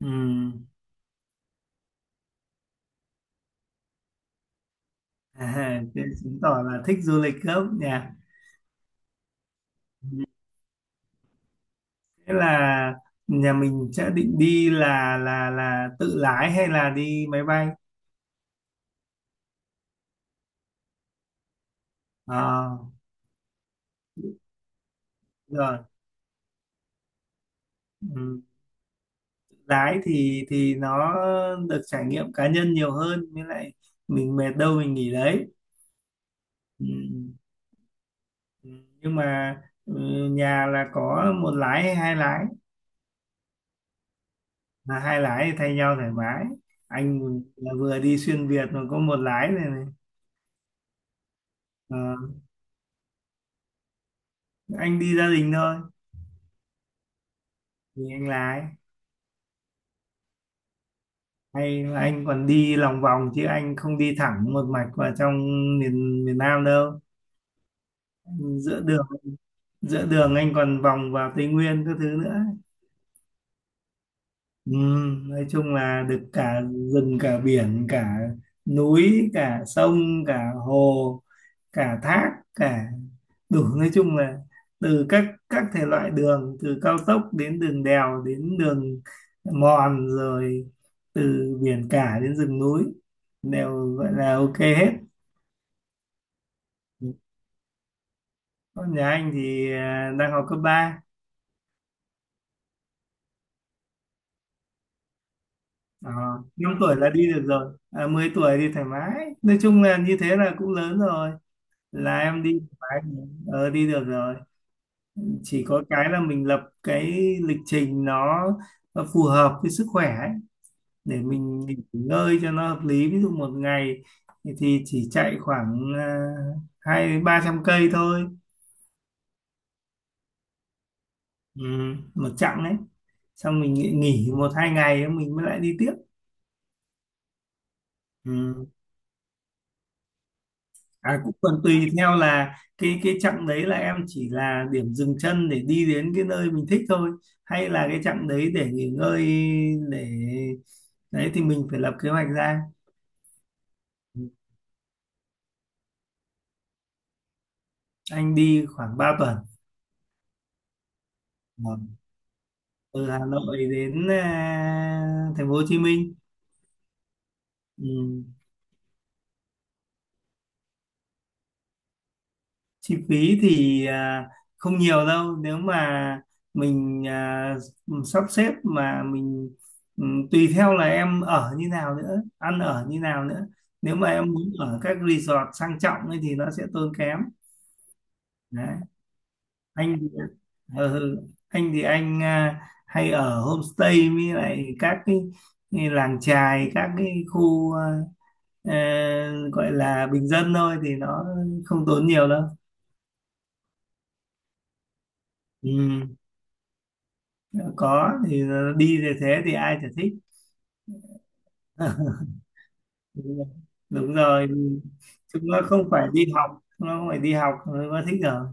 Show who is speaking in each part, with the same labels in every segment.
Speaker 1: Ừ. À, thế chứng tỏ là thích du lịch lắm nhỉ. Ừ. Thế là nhà mình sẽ định đi là tự lái hay là đi máy bay? Ờ, rồi. Ừ. Lái thì nó được trải nghiệm cá nhân nhiều hơn, với lại mình mệt đâu mình nghỉ đấy. Ừ. Ừ. Nhưng mà ừ, nhà là có một lái hay hai lái? Là hai lái thì thay nhau thoải mái. Anh là vừa đi xuyên Việt mà có một lái này này. Ờ, anh đi gia đình thôi. Thì anh lái hay là anh còn đi lòng vòng chứ anh không đi thẳng một mạch vào trong miền miền Nam đâu. Giữa đường giữa đường anh còn vòng vào Tây Nguyên các thứ nữa. Ừ, nói chung là được cả rừng, cả biển, cả núi, cả sông, cả hồ, cả thác, cả đủ. Nói chung là từ các thể loại đường, từ cao tốc đến đường đèo đến đường mòn, rồi từ biển cả đến rừng núi, đều gọi là ok hết. Con nhà anh thì đang học cấp ba. À, 5 tuổi là đi được rồi. À, 10 tuổi thì thoải mái, nói chung là như thế là cũng lớn rồi. Là em đi thoải mái. Ờ, đi được rồi, chỉ có cái là mình lập cái lịch trình nó phù hợp với sức khỏe ấy. Để mình nghỉ ngơi cho nó hợp lý, ví dụ một ngày thì chỉ chạy khoảng 200 đến 300 cây thôi. Ừ, một chặng đấy, xong mình nghỉ nghỉ một hai ngày mình mới lại đi tiếp. Ừ. À, cũng còn tùy theo là cái chặng đấy là em chỉ là điểm dừng chân để đi đến cái nơi mình thích thôi, hay là cái chặng đấy để nghỉ ngơi, để đấy thì mình phải lập kế hoạch ra. Ừ. Anh đi khoảng 3 tuần. Ừ. Từ Hà Nội đến thành phố Hồ Chí Minh. Ừ. Chi phí thì không nhiều đâu, nếu mà mình sắp xếp mà mình, ừ, tùy theo là em ở như nào nữa, ăn ở như nào nữa. Nếu mà em muốn ở các resort sang trọng ấy thì nó sẽ tốn kém. Đấy. Anh thì, ờ, ừ, anh thì anh à, hay ở homestay, với lại cái làng chài, các cái khu ờ, gọi là bình dân thôi thì nó không tốn nhiều đâu. Ừ. Có thì nó đi về, thế thì ai chả thích. Đúng rồi. Đúng rồi. Chúng nó không phải đi học, chúng nó không phải đi học, nó thích rồi.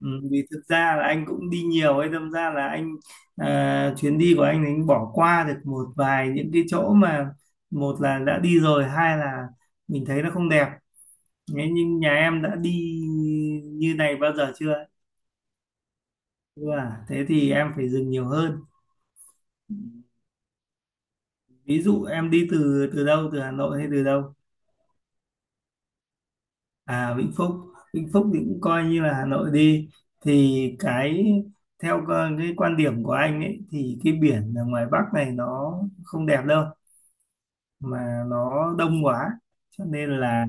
Speaker 1: Ừ. Vì thực ra là anh cũng đi nhiều ấy, đâm ra là chuyến đi của anh thì anh bỏ qua được một vài những cái chỗ mà, một là đã đi rồi, hai là mình thấy nó không đẹp. Thế nhưng nhà em đã đi như này bao giờ chưa? Ừ. Thế thì em phải dừng nhiều hơn. Ví dụ em đi từ từ đâu, từ Hà Nội hay từ đâu? À, Vĩnh Phúc. Vĩnh Phúc thì cũng coi như là Hà Nội đi. Thì cái quan điểm của anh ấy thì cái biển ở ngoài Bắc này nó không đẹp đâu, mà nó đông quá. Cho nên là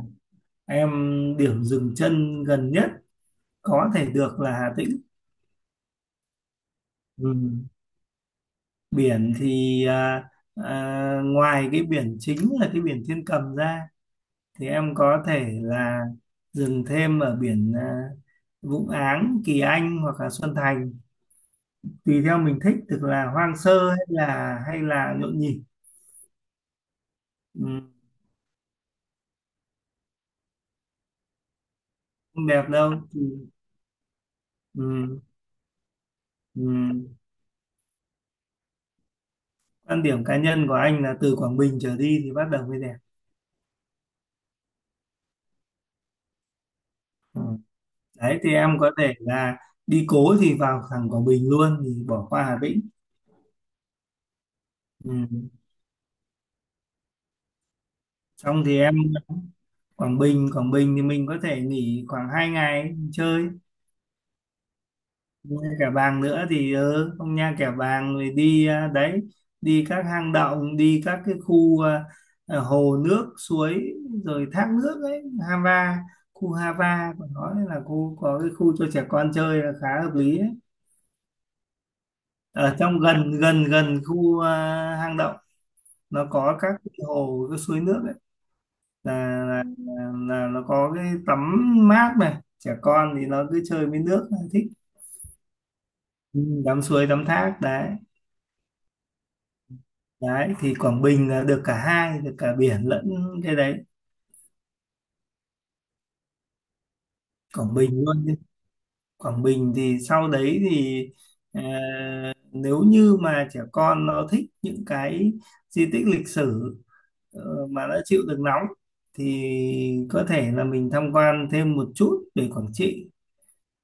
Speaker 1: em, điểm dừng chân gần nhất có thể được là Hà Tĩnh. Ừ. Biển thì ngoài cái biển chính là cái biển Thiên Cầm ra, thì em có thể là dừng thêm ở biển Vũng Áng, Kỳ Anh hoặc là Xuân Thành, tùy theo mình thích, tức là hoang sơ hay là nhộn nhịp. Ừ, không đẹp đâu. Ừ. Ừ. Ừ. Quan điểm cá nhân của anh là từ Quảng Bình trở đi thì bắt đầu mới đẹp. Ừ. Đấy thì em có thể là đi cố thì vào thẳng Quảng Bình luôn thì bỏ qua Hà Tĩnh. Ừ. Xong thì em, Quảng Bình, Quảng Bình thì mình có thể nghỉ khoảng 2 ngày chơi. Nha Kẻ Bàng nữa thì ừ, không, Nha Kẻ Bàng rồi đi, đấy, đi các hang động, đi các cái khu hồ nước suối rồi thác nước ấy. Hava, khu Hava của nó là khu có cái khu cho trẻ con chơi là khá hợp lý ấy. Ở trong gần, gần gần khu hang động, nó có các cái hồ cái suối nước ấy. Là, nó có cái tắm mát này, trẻ con thì nó cứ chơi với nước thích. Ừ, tắm suối tắm thác đấy. Đấy thì Quảng Bình là được cả hai, được cả biển lẫn cái đấy, Quảng Bình luôn. Quảng Bình thì sau đấy thì, ờ, nếu như mà trẻ con nó thích những cái di tích lịch sử, ờ, mà nó chịu được nóng, thì có thể là mình tham quan thêm một chút về Quảng Trị,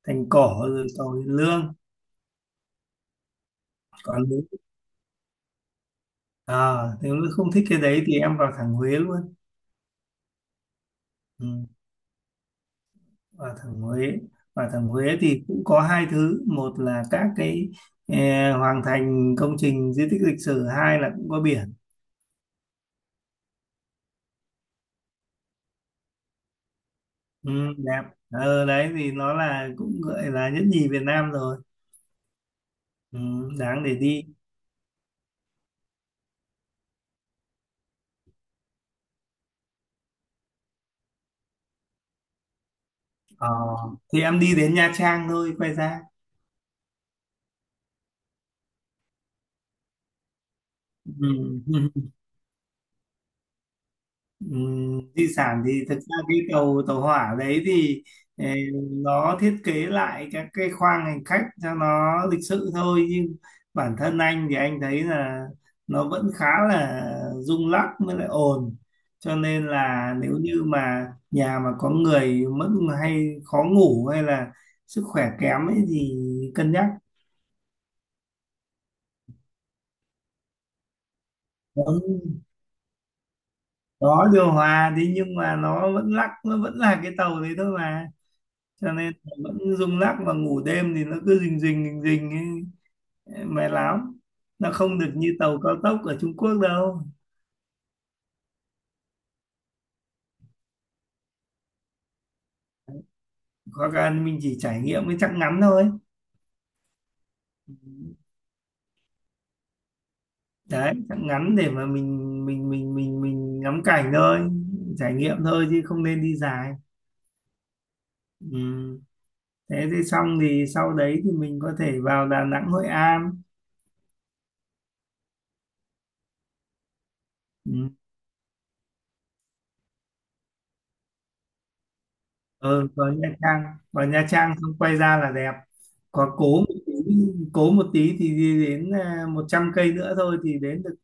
Speaker 1: thành cổ rồi cầu Hiền Lương. Còn nếu, nếu không thích cái đấy thì em vào thẳng Huế luôn. Ừ. Quả thẩm Huế, quả thẩm Huế thì cũng có hai thứ, một là các cái, hoàng thành, công trình di tích lịch sử, hai là cũng có biển. Ừ, đẹp. Ờ, đấy thì nó là cũng gọi là nhất nhì Việt Nam rồi. Ừ, đáng để đi. Ờ, thì em đi đến Nha Trang thôi quay ra. Ừ. Di sản thì thực ra cái tàu tàu hỏa đấy thì, ờ, nó thiết kế lại các cái khoang hành khách cho nó lịch sự thôi, nhưng bản thân anh thì anh thấy là nó vẫn khá là rung lắc, mới lại ồn. Cho nên là nếu như mà nhà mà có người mất, hay khó ngủ hay là sức khỏe kém ấy thì cân nhắc. Ừ, có điều hòa, thế nhưng mà nó vẫn lắc, nó vẫn là cái tàu đấy thôi mà, cho nên là vẫn rung lắc, mà ngủ đêm thì nó cứ rình rình rình rình ấy, mệt lắm. Nó không được như tàu cao tốc ở Trung Quốc đâu. Hoặc là mình chỉ trải nghiệm cái chặng ngắn thôi. Đấy, chặng ngắn để mà mình ngắm cảnh thôi, trải nghiệm thôi chứ không nên đi dài. Ừ. Thế thì xong thì sau đấy thì mình có thể vào Đà Nẵng Hội An. Ừ. Ừ, vào Nha Trang. Vào Nha Trang xong quay ra là đẹp. Có cố một tí, cố một tí thì đi đến 100 cây nữa thôi thì đến được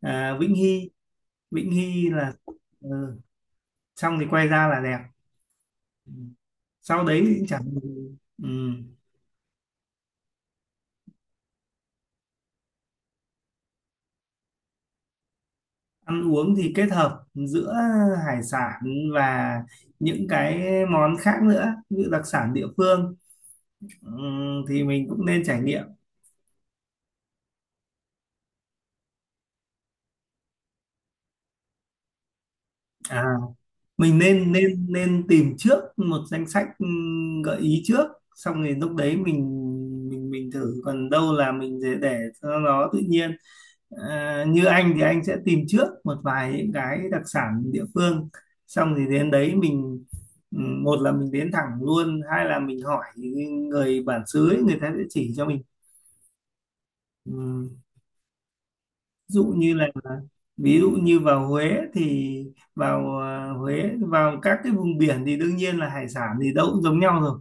Speaker 1: Vĩnh Hy. Vĩnh Hy là, ừ, xong thì quay ra là đẹp. Ừ. Sau đấy thì chẳng, ừ, ăn uống thì kết hợp giữa hải sản và những cái món khác nữa, như đặc sản địa phương. Ừ, thì mình cũng nên trải nghiệm. À, mình nên nên nên tìm trước một danh sách, gợi ý trước, xong rồi lúc đấy mình, thử, còn đâu là mình để cho nó tự nhiên. À, như anh thì anh sẽ tìm trước một vài những cái đặc sản địa phương, xong thì đến đấy mình, một là mình đến thẳng luôn, hai là mình hỏi người bản xứ ấy, người ta sẽ chỉ cho mình. Ừ. Dụ như là, ví dụ như vào Huế thì vào Huế, vào các cái vùng biển thì đương nhiên là hải sản thì đâu cũng giống nhau rồi.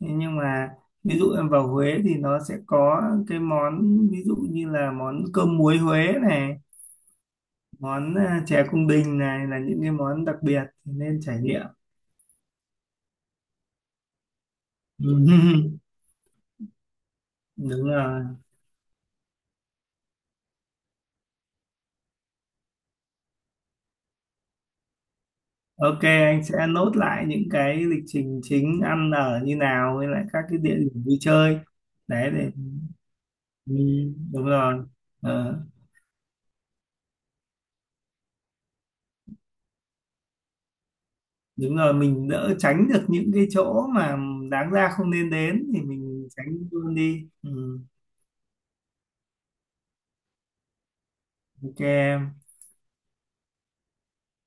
Speaker 1: Thế nhưng mà, ví dụ em vào Huế thì nó sẽ có cái món, ví dụ như là món cơm muối Huế này, món chè cung đình này, là những cái món đặc biệt nên trải nghiệm. Ừ. Đúng rồi. Ok, anh sẽ nốt lại những cái lịch trình chính, ăn ở như nào, với lại các cái địa điểm vui chơi. Đấy thì, ừ, đúng rồi. Ờ, đúng rồi, mình đỡ tránh được những cái chỗ mà đáng ra không nên đến thì mình tránh luôn đi. Ừ, ok em.